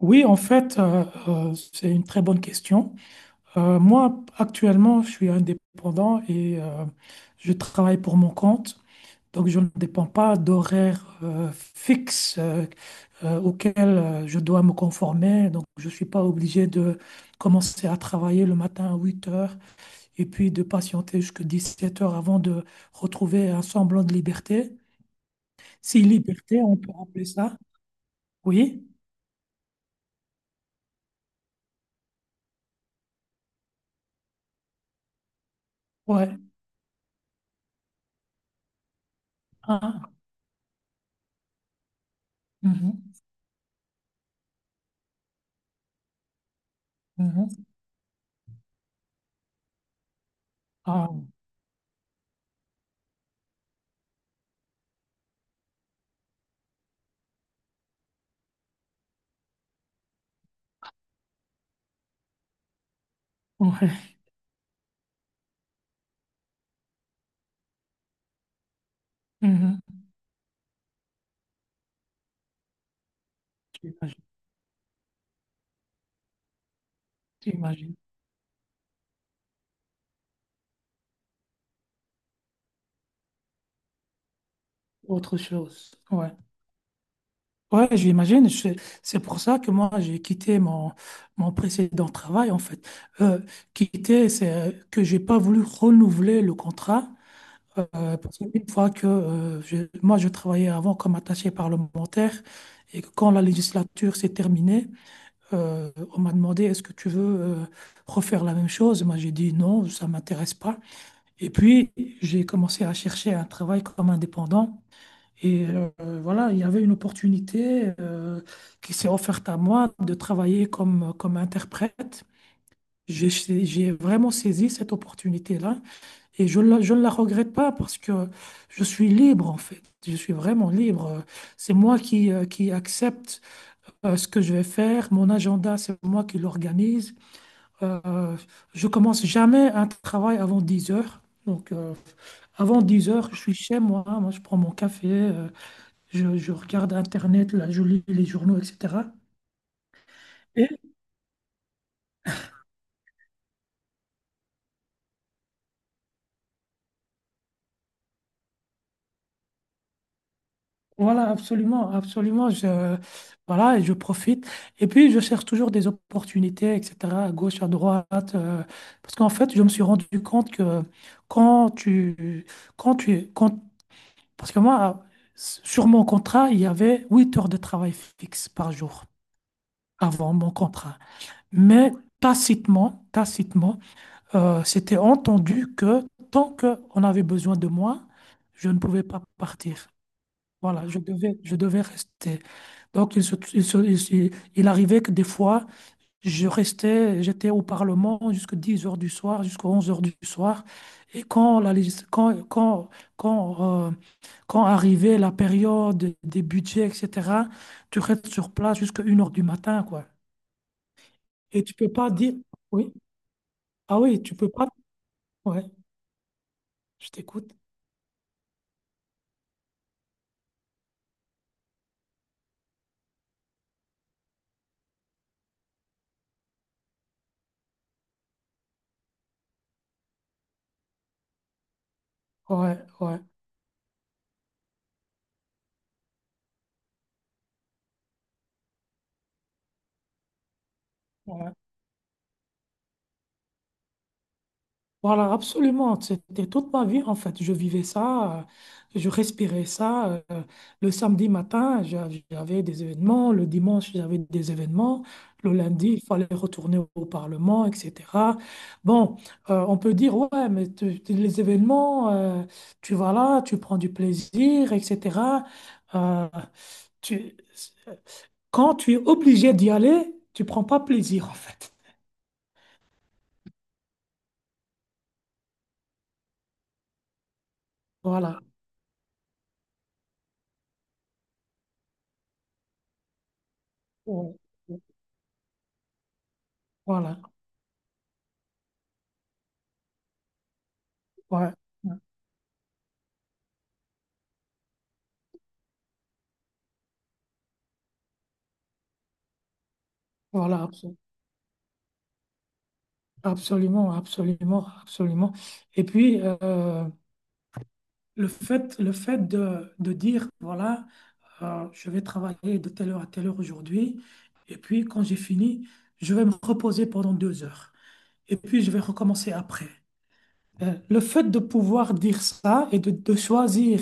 Oui, en fait, c'est une très bonne question. Moi, actuellement, je suis indépendant et je travaille pour mon compte. Donc, je ne dépends pas d'horaires fixes auxquels je dois me conformer. Donc, je ne suis pas obligé de commencer à travailler le matin à 8 heures et puis de patienter jusqu'à 17 heures avant de retrouver un semblant de liberté. Si liberté, on peut appeler ça. Oui, ouais. Ah, mhm, mhm. Ah. Ouais. Mhm. J'imagine. J'imagine. Autre chose. Ouais. Ouais, j'imagine. C'est pour ça que moi, j'ai quitté mon précédent travail, en fait. Euh, quitter, c'est que j'ai pas voulu renouveler le contrat. Parce qu'une fois que moi, je travaillais avant comme attaché parlementaire et que quand la législature s'est terminée, on m'a demandé est-ce que tu veux refaire la même chose? Moi, j'ai dit non, ça m'intéresse pas. Et puis, j'ai commencé à chercher un travail comme indépendant. Et voilà, il y avait une opportunité qui s'est offerte à moi de travailler comme interprète. J'ai vraiment saisi cette opportunité-là et je ne la regrette pas parce que je suis libre en fait. Je suis vraiment libre. C'est moi qui accepte ce que je vais faire. Mon agenda, c'est moi qui l'organise. Euh, je commence jamais un travail avant 10 heures. Donc, avant 10 heures, je suis chez moi, moi je prends mon café, je regarde Internet, là, je lis les journaux, etc. Et voilà, absolument, absolument, voilà, et je profite. Et puis, je cherche toujours des opportunités, etc., à gauche, à droite, parce qu'en fait, je me suis rendu compte que quand tu, quand tu, quand, parce que moi, sur mon contrat, il y avait 8 heures de travail fixe par jour avant mon contrat. Mais tacitement, tacitement, c'était entendu que tant qu'on avait besoin de moi, je ne pouvais pas partir. Voilà, je devais rester. Donc, il arrivait que des fois, je restais, j'étais au Parlement jusqu'à 10 heures du soir, jusqu'à 11 heures du soir. Et quand, la, légis- quand, quand, quand, quand arrivait la période des budgets, etc., tu restes sur place jusqu'à 1 heure du matin, quoi. Et tu peux pas dire, oui, ah oui, tu peux pas, ouais, je t'écoute, ouais, ouais. Ouais. Voilà, absolument. C'était toute ma vie, en fait. Je vivais ça, je respirais ça. Le samedi matin, j'avais des événements. Le dimanche, j'avais des événements. Le lundi, il fallait retourner au Parlement, etc. Bon, on peut dire, ouais, mais les événements, tu vas là, tu prends du plaisir, etc. Euh, tu, quand tu es obligé d'y aller, tu prends pas plaisir, en fait. Voilà. Ouais. Voilà. Ouais. Voilà, absolument, absolument, absolument. Et puis, le fait de dire, voilà, je vais travailler de telle heure à telle heure aujourd'hui, et puis quand j'ai fini, je vais me reposer pendant 2 heures, et puis je vais recommencer après. Le fait de pouvoir dire ça et de choisir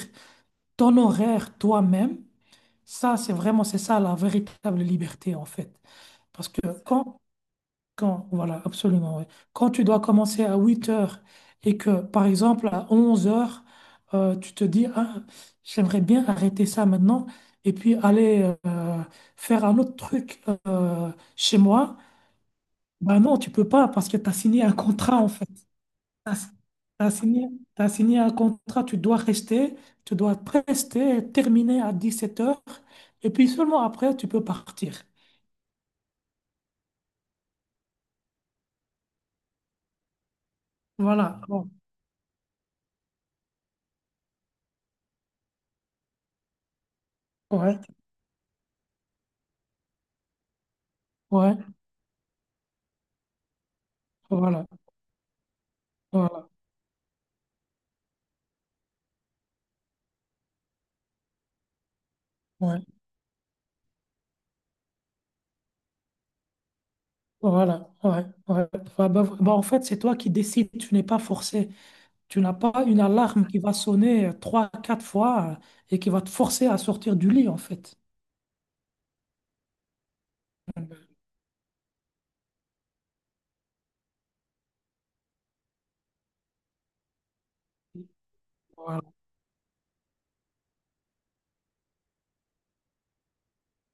ton horaire toi-même, ça, c'est ça la véritable liberté, en fait. Parce que quand Quand, voilà, absolument, ouais. Quand tu dois commencer à 8 heures et que, par exemple, à 11 heures, tu te dis, ah, j'aimerais bien arrêter ça maintenant et puis aller faire un autre truc chez moi, ben non, tu peux pas parce que tu as signé un contrat, en fait. T'as- t'as signé, t'as signé un contrat, tu dois rester, terminer à 17 heures et puis seulement après, tu peux partir. Voilà. Bon. Ouais, ouais, voilà, voilà. Ouais. Voilà, ouais, ouais. Bah, bah, bah, en fait, c'est toi qui décides, tu n'es pas forcé. Tu n'as pas une alarme qui va sonner trois, quatre fois et qui va te forcer à sortir du lit, en fait. Voilà.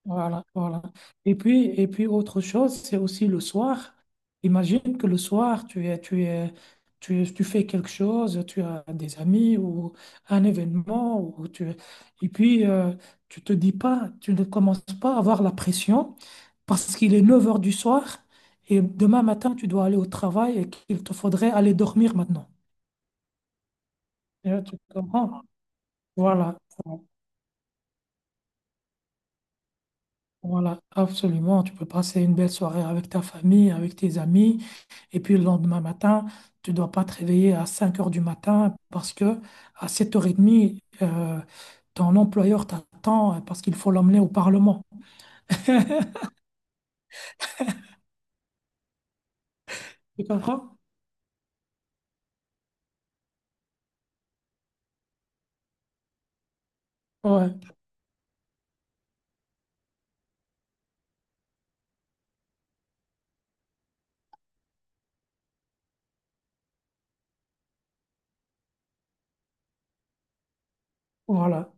Voilà, voilà. Et puis, autre chose, c'est aussi le soir. Imagine que le soir, tu fais quelque chose, tu as des amis ou un événement, et puis tu te dis pas, tu ne commences pas à avoir la pression parce qu'il est 9 heures du soir et demain matin, tu dois aller au travail et qu'il te faudrait aller dormir maintenant. Et tu comprends? Voilà, voilà, absolument. Tu peux passer une belle soirée avec ta famille, avec tes amis. Et puis le lendemain matin, tu dois pas te réveiller à 5 heures du matin parce que à sept heures 30 euh, ton employeur t'attend parce qu'il faut l'emmener au Parlement. Tu comprends? Ouais, voilà.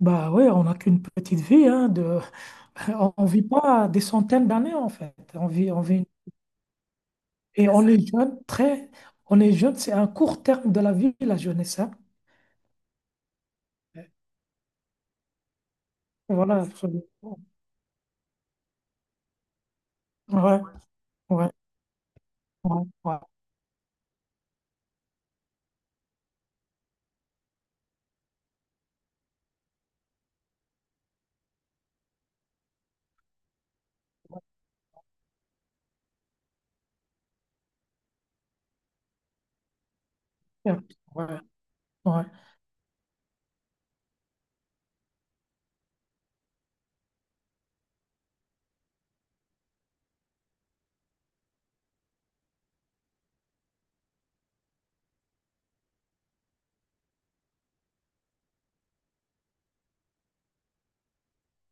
Bah ouais, on n'a qu'une petite vie, hein. On ne vit pas des centaines d'années en fait. On vit, on vit. Et on est jeune, très. On est jeune, c'est un court terme de la vie, la jeunesse, hein. Voilà, absolument. Ouais, ouais, ouais, ouais, ouais, ouais.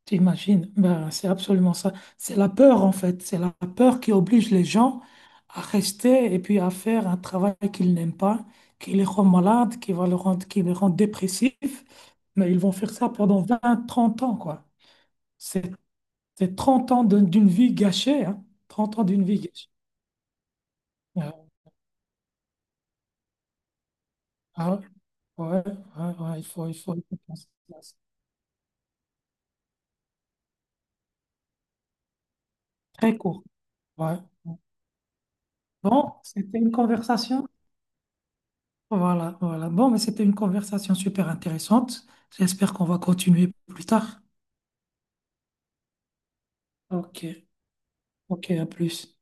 T'imagines? Ben, c'est absolument ça. C'est la peur, en fait. C'est la peur qui oblige les gens à rester et puis à faire un travail qu'ils n'aiment pas, qui les rend malades, qui va le rendre, qui les rend dépressifs. Mais ils vont faire ça pendant 20 30 ans, quoi. C'est c'est 30 ans d'une vie gâchée, hein. 30 ans d'une vie gâchée. Ouais, ah, ouais, ouais, ouais, il faut, il faut, il faut penser à ça. Très court. Ouais. Bon, c'était une conversation Voilà, voilà. Bon, mais c'était une conversation super intéressante. J'espère qu'on va continuer plus tard. Ok, ok, à plus.